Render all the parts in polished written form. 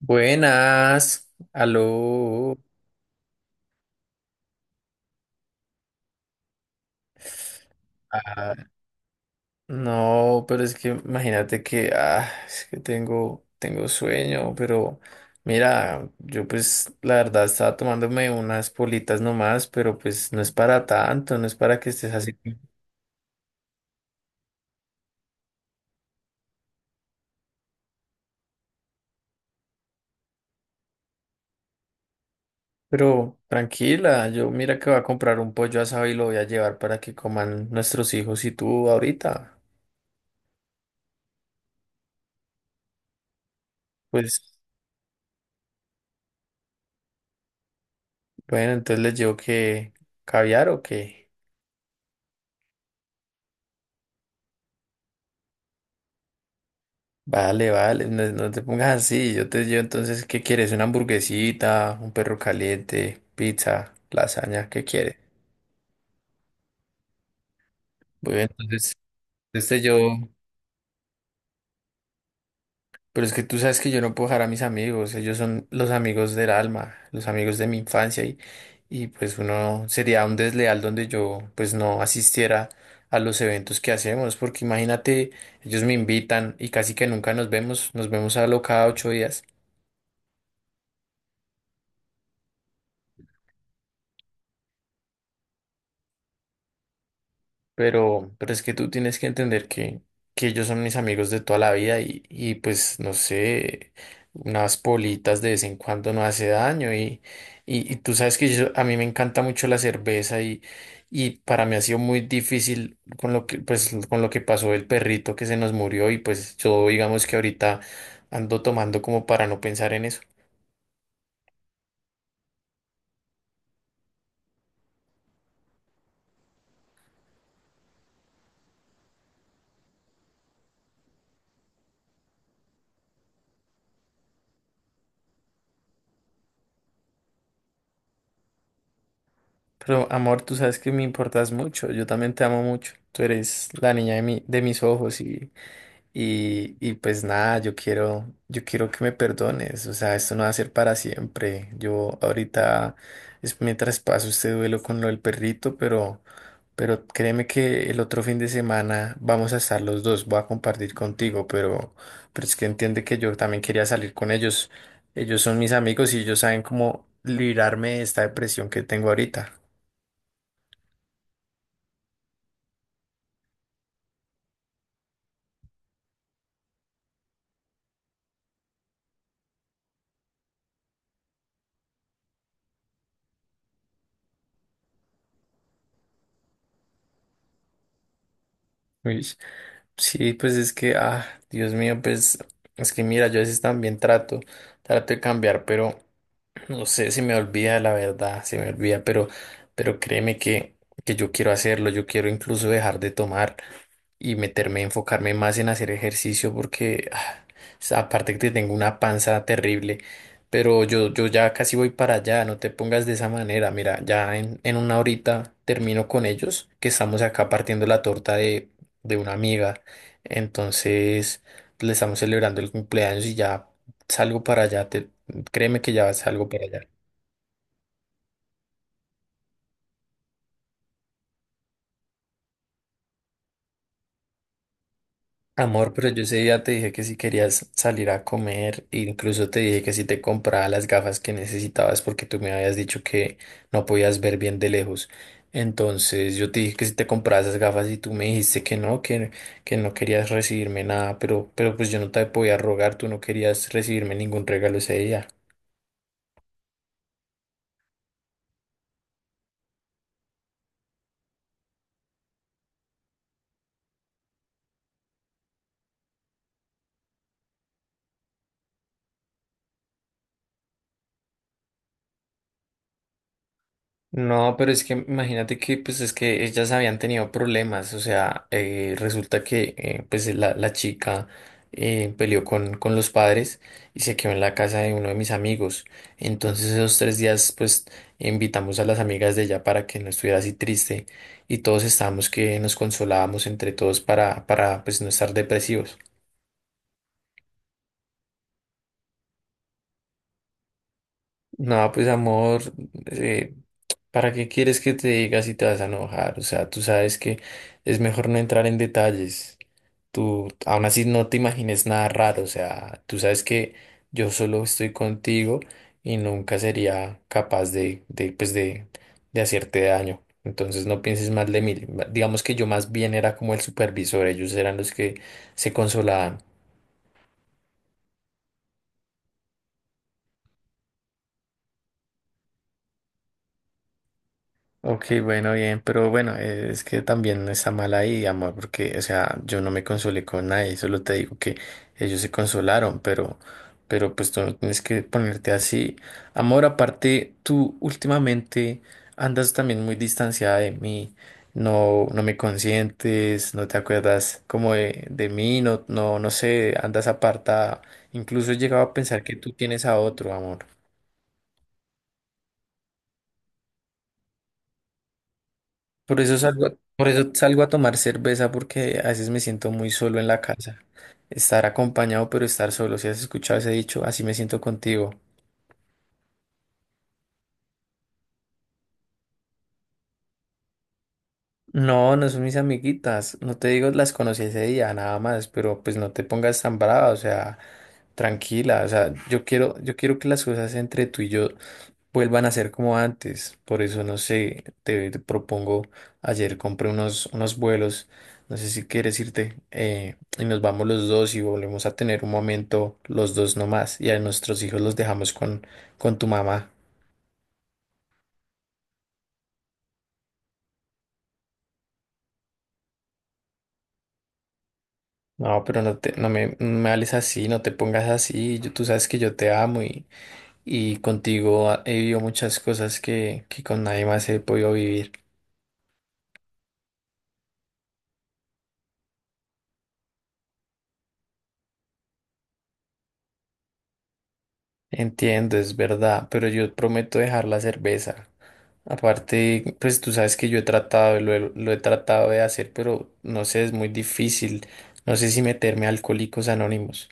Buenas, aló. Ah, no, pero es que imagínate que, ah, es que tengo sueño, pero mira, yo pues la verdad estaba tomándome unas politas nomás, pero pues no es para tanto, no es para que estés así. Pero tranquila, yo mira que voy a comprar un pollo asado y lo voy a llevar para que coman nuestros hijos y tú ahorita. Pues bueno, entonces les llevo que caviar o qué. Vale, vale, no, no te pongas así. Yo entonces, ¿qué quieres? ¿Una hamburguesita, un perro caliente, pizza, lasaña? ¿Qué quieres? Bueno, entonces, este yo, pero es que tú sabes que yo no puedo dejar a mis amigos, ellos son los amigos del alma, los amigos de mi infancia y pues uno sería un desleal donde yo pues no asistiera a los eventos que hacemos, porque imagínate, ellos me invitan y casi que nunca nos vemos, nos vemos a lo cada 8 días. Pero es que tú tienes que entender que ellos son mis amigos de toda la vida y pues no sé, unas politas de vez en cuando no hace daño y tú sabes que yo- a mí me encanta mucho la cerveza y para mí ha sido muy difícil con lo que, pues, con lo que pasó el perrito que se nos murió y pues yo digamos que ahorita ando tomando como para no pensar en eso. Pero amor, tú sabes que me importas mucho, yo también te amo mucho, tú eres la niña de mis ojos. Y pues nada, yo quiero que me perdones, o sea, esto no va a ser para siempre. Yo ahorita es mientras paso este duelo con lo del perrito, pero créeme que el otro fin de semana vamos a estar los dos, voy a compartir contigo, pero es que entiende que yo también quería salir con ellos. Ellos son mis amigos y ellos saben cómo librarme de esta depresión que tengo ahorita. Uy. Sí, pues es que, Dios mío, pues es que mira, yo a veces también trato de cambiar, pero. No sé si me olvida la verdad, se me olvida, pero créeme que yo quiero hacerlo, yo quiero incluso dejar de tomar y meterme, enfocarme más en hacer ejercicio porque aparte que tengo una panza terrible, pero yo ya casi voy para allá, no te pongas de esa manera, mira, ya en una horita termino con ellos, que estamos acá partiendo la torta de una amiga, entonces le estamos celebrando el cumpleaños y ya salgo para allá. Créeme que ya vas algo para allá. Amor, pero yo ese día te dije que si querías salir a comer, e incluso te dije que si te compraba las gafas que necesitabas porque tú me habías dicho que no podías ver bien de lejos. Entonces yo te dije que si te compraba esas gafas y tú me dijiste que no, que no querías recibirme nada, pero pues yo no te podía rogar, tú no querías recibirme ningún regalo ese día. No, pero es que imagínate que pues es que ellas habían tenido problemas, o sea, resulta que pues la chica peleó con los padres y se quedó en la casa de uno de mis amigos. Entonces esos 3 días pues invitamos a las amigas de ella para que no estuviera así triste y todos estábamos que nos consolábamos entre todos para pues no estar depresivos. No, pues amor, eh, ¿para qué quieres que te diga si te vas a enojar? O sea, tú sabes que es mejor no entrar en detalles. Tú aún así no te imagines nada raro, o sea, tú sabes que yo solo estoy contigo y nunca sería capaz de hacerte daño. Entonces no pienses mal de mí. Digamos que yo más bien era como el supervisor, ellos eran los que se consolaban. Ok, bueno, bien, pero bueno, es que también no está mal ahí, amor, porque, o sea, yo no me consolé con nadie, solo te digo que ellos se consolaron, pero pues tú no tienes que ponerte así. Amor, aparte, tú últimamente andas también muy distanciada de mí, no, no me consientes, no te acuerdas como de mí, no, no, no sé, andas apartada, incluso he llegado a pensar que tú tienes a otro, amor. Por eso salgo, por eso salgo a tomar cerveza porque a veces me siento muy solo en la casa. Estar acompañado, pero estar solo. Si has escuchado ese dicho, así me siento contigo. No, no son mis amiguitas. No te digo, las conocí ese día, nada más, pero pues no te pongas tan brava, o sea, tranquila. O sea, yo quiero que las cosas entre tú y yo vuelvan a ser como antes. Por eso, no sé, te propongo, ayer compré unos vuelos, no sé si quieres irte, y nos vamos los dos y volvemos a tener un momento los dos nomás, y a nuestros hijos los dejamos con tu mamá. No, pero no me hables así, no te pongas así. Yo, tú sabes que yo te amo y contigo he vivido muchas cosas que con nadie más he podido vivir. Entiendo, es verdad, pero yo prometo dejar la cerveza. Aparte, pues tú sabes que yo he tratado, lo he tratado de hacer, pero no sé, es muy difícil. No sé si meterme a Alcohólicos Anónimos.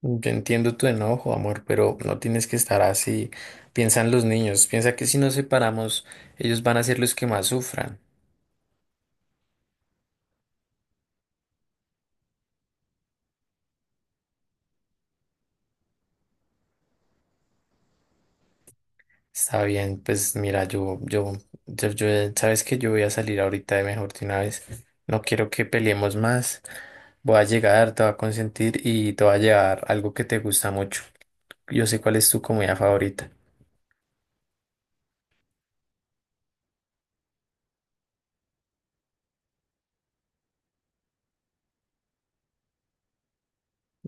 Yo entiendo tu enojo, amor, pero no tienes que estar así. Piensan los niños, piensa que si nos separamos, ellos van a ser los que más sufran. Está bien, pues mira, sabes que yo voy a salir ahorita de mejor de una vez. No quiero que peleemos más. Voy a llegar, te va a consentir y te va a llevar algo que te gusta mucho. Yo sé cuál es tu comida favorita.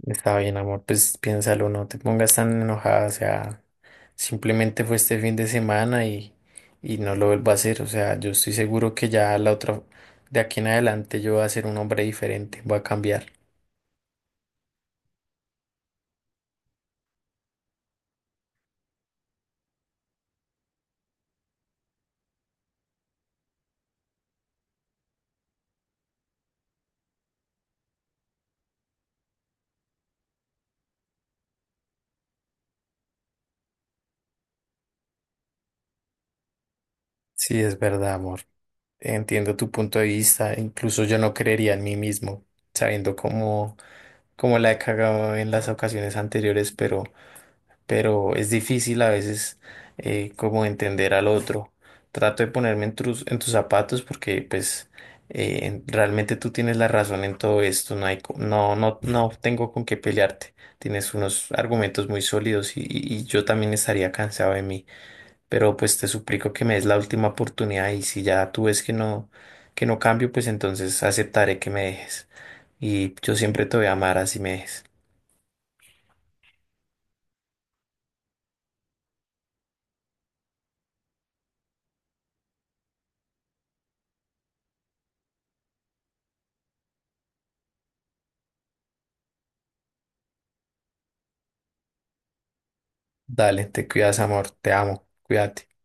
Está bien, amor, pues piénsalo, no te pongas tan enojada, o sea, simplemente fue este fin de semana y no lo vuelvo a hacer, o sea, yo estoy seguro que ya la otra, de aquí en adelante yo voy a ser un hombre diferente, voy a cambiar. Sí, es verdad, amor, entiendo tu punto de vista, incluso yo no creería en mí mismo, sabiendo cómo la he cagado en las ocasiones anteriores, pero es difícil a veces como entender al otro. Trato de ponerme en tus zapatos porque pues realmente tú tienes la razón en todo esto, no hay, no, no, no tengo con qué pelearte. Tienes unos argumentos muy sólidos y yo también estaría cansado de mí, pero pues te suplico que me des la última oportunidad y si ya tú ves que no cambio, pues entonces aceptaré que me dejes. Y yo siempre te voy a amar así me dejes. Dale, te cuidas, amor, te amo, cuídate.